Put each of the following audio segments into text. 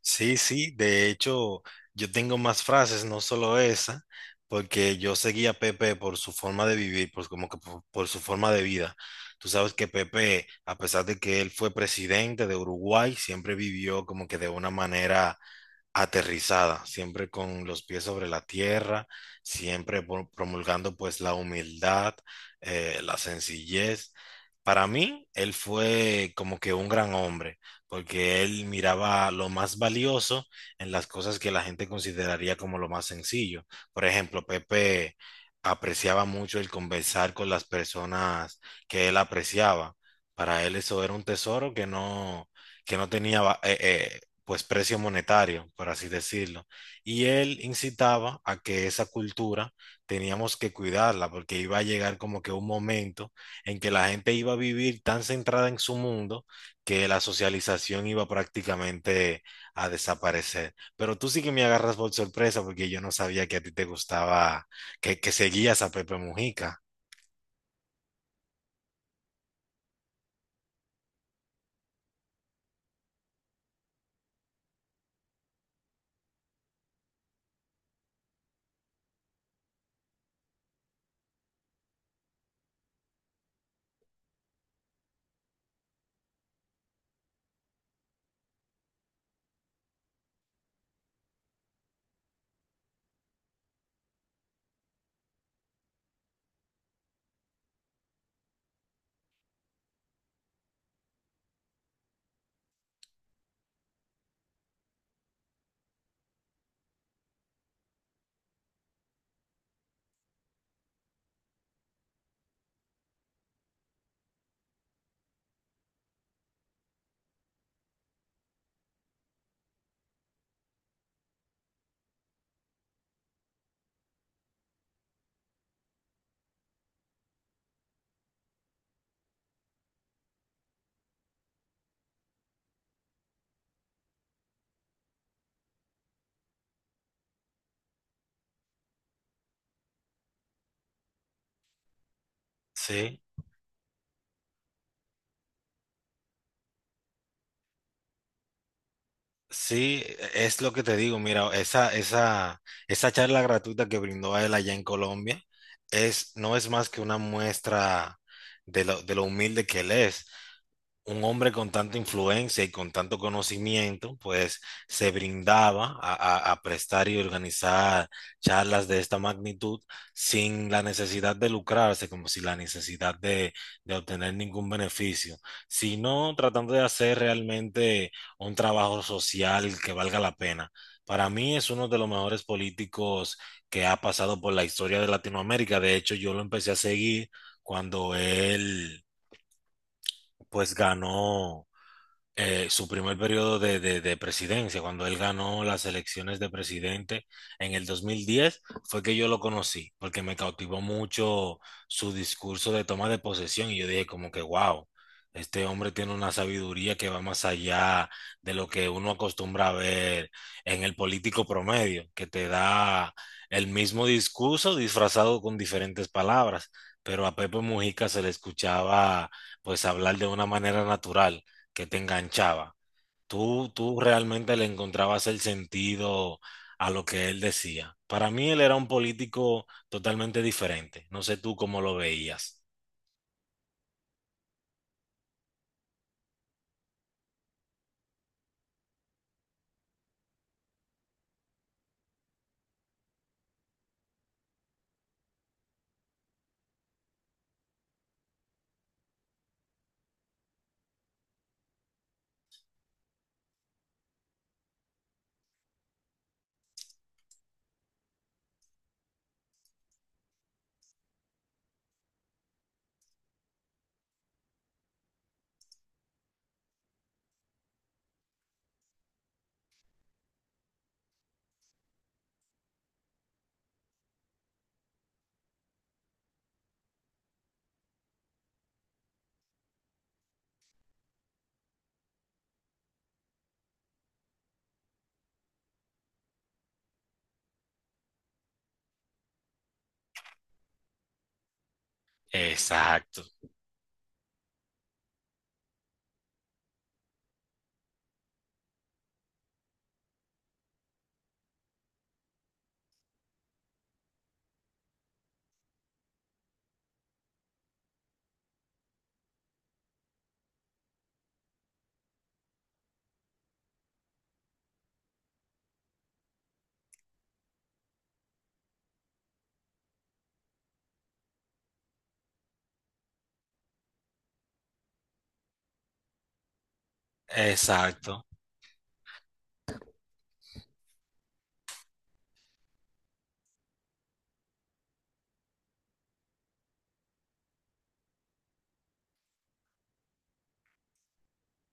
Sí, sí, de hecho, yo tengo más frases, no solo esa, porque yo seguía a Pepe por su forma de vivir, por, como que por su forma de vida. Tú sabes que Pepe, a pesar de que él fue presidente de Uruguay, siempre vivió como que de una manera aterrizada, siempre con los pies sobre la tierra, siempre promulgando pues la humildad, la sencillez. Para mí, él fue como que un gran hombre, porque él miraba lo más valioso en las cosas que la gente consideraría como lo más sencillo. Por ejemplo, Pepe apreciaba mucho el conversar con las personas que él apreciaba. Para él eso era un tesoro que no tenía pues precio monetario, por así decirlo. Y él incitaba a que esa cultura teníamos que cuidarla porque iba a llegar como que un momento en que la gente iba a vivir tan centrada en su mundo que la socialización iba prácticamente a desaparecer. Pero tú sí que me agarras por sorpresa porque yo no sabía que a ti te gustaba, que seguías a Pepe Mujica. Sí. Sí, es lo que te digo, mira, esa charla gratuita que brindó a él allá en Colombia es, no es más que una muestra de lo humilde que él es un hombre con tanta influencia y con tanto conocimiento, pues se brindaba a prestar y organizar charlas de esta magnitud sin la necesidad de lucrarse, como si de obtener ningún beneficio, sino tratando de hacer realmente un trabajo social que valga la pena. Para mí es uno de los mejores políticos que ha pasado por la historia de Latinoamérica. De hecho, yo lo empecé a seguir cuando él, ganó su primer periodo de presidencia, cuando él ganó las elecciones de presidente en el 2010 fue que yo lo conocí, porque me cautivó mucho su discurso de toma de posesión y yo dije como que, wow, este hombre tiene una sabiduría que va más allá de lo que uno acostumbra a ver en el político promedio, que te da el mismo discurso disfrazado con diferentes palabras, pero a Pepe Mujica se le escuchaba pues hablar de una manera natural que te enganchaba. Tú realmente le encontrabas el sentido a lo que él decía. Para mí él era un político totalmente diferente. ¿No sé tú cómo lo veías? Exacto, exacto.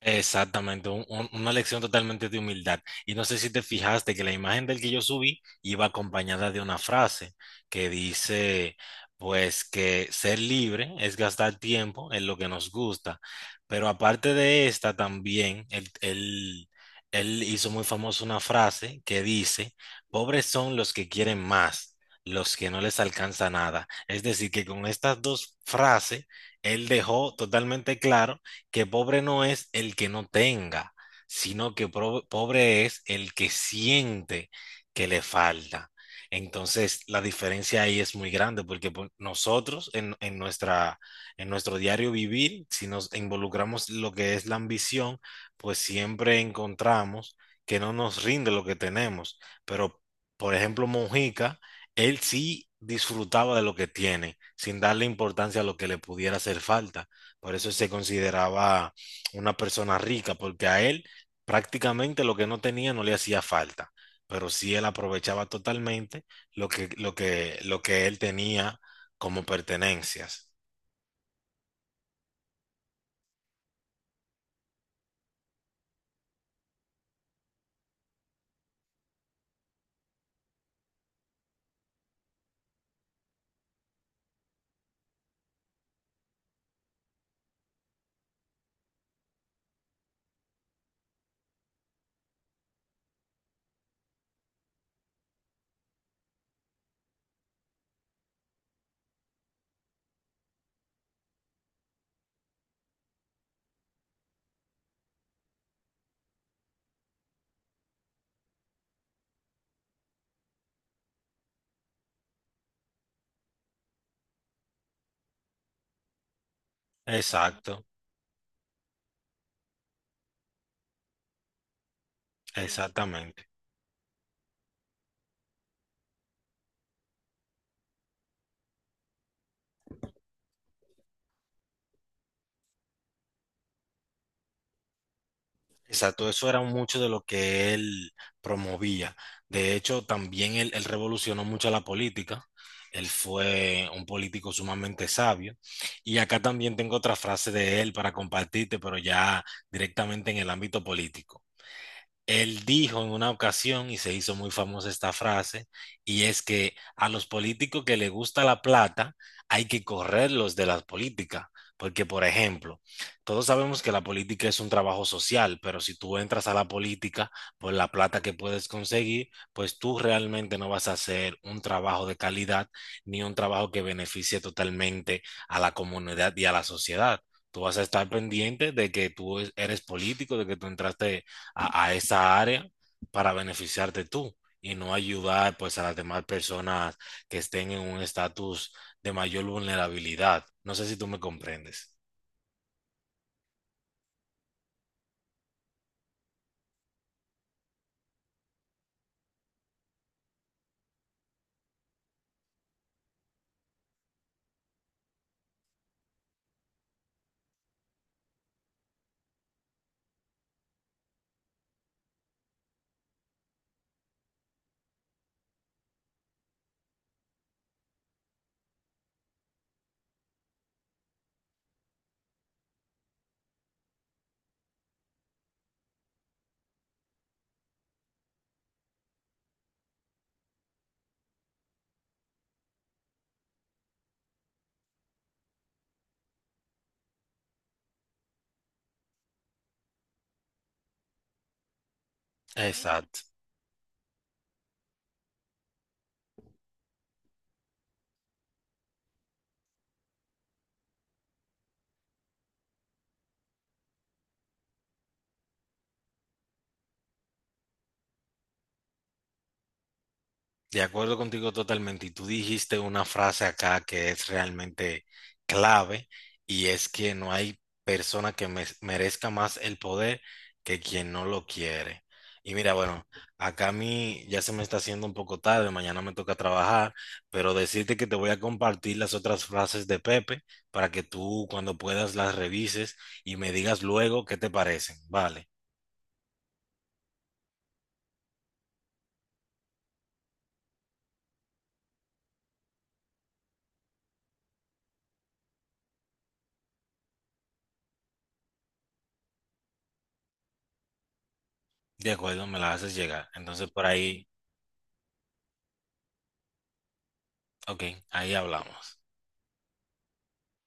Exactamente, una lección totalmente de humildad. Y no sé si te fijaste que la imagen del que yo subí iba acompañada de una frase que dice, pues que ser libre es gastar tiempo en lo que nos gusta. Pero aparte de esta también, él hizo muy famosa una frase que dice, pobres son los que quieren más, los que no les alcanza nada. Es decir, que con estas dos frases, él dejó totalmente claro que pobre no es el que no tenga, sino que pobre es el que siente que le falta. Entonces, la diferencia ahí es muy grande porque pues, nosotros en nuestro diario vivir, si nos involucramos lo que es la ambición, pues siempre encontramos que no nos rinde lo que tenemos. Pero, por ejemplo, Mojica, él sí disfrutaba de lo que tiene, sin darle importancia a lo que le pudiera hacer falta. Por eso se consideraba una persona rica, porque a él prácticamente lo que no tenía no le hacía falta, pero sí él aprovechaba totalmente lo que él tenía como pertenencias. Exacto, exactamente. Exacto, eso era mucho de lo que él promovía. De hecho, también él revolucionó mucho la política. Él fue un político sumamente sabio. Y acá también tengo otra frase de él para compartirte, pero ya directamente en el ámbito político. Él dijo en una ocasión, y se hizo muy famosa esta frase, y es que a los políticos que les gusta la plata hay que correrlos de la política. Porque, por ejemplo, todos sabemos que la política es un trabajo social, pero si tú entras a la política por la plata que puedes conseguir, pues tú realmente no vas a hacer un trabajo de calidad ni un trabajo que beneficie totalmente a la comunidad y a la sociedad. Tú vas a estar pendiente de que eres político, de que tú entraste a esa área para beneficiarte tú y no ayudar pues a las demás personas que estén en un estatus de mayor vulnerabilidad. ¿No sé si tú me comprendes? Sí, exacto. De acuerdo contigo totalmente. Y tú dijiste una frase acá que es realmente clave y es que no hay persona que merezca más el poder que quien no lo quiere. Y mira, bueno, acá a mí ya se me está haciendo un poco tarde, mañana me toca trabajar, pero decirte que te voy a compartir las otras frases de Pepe para que tú cuando puedas las revises y me digas luego qué te parecen. Vale, de acuerdo, me las haces llegar. Entonces por ahí, ok, ahí hablamos.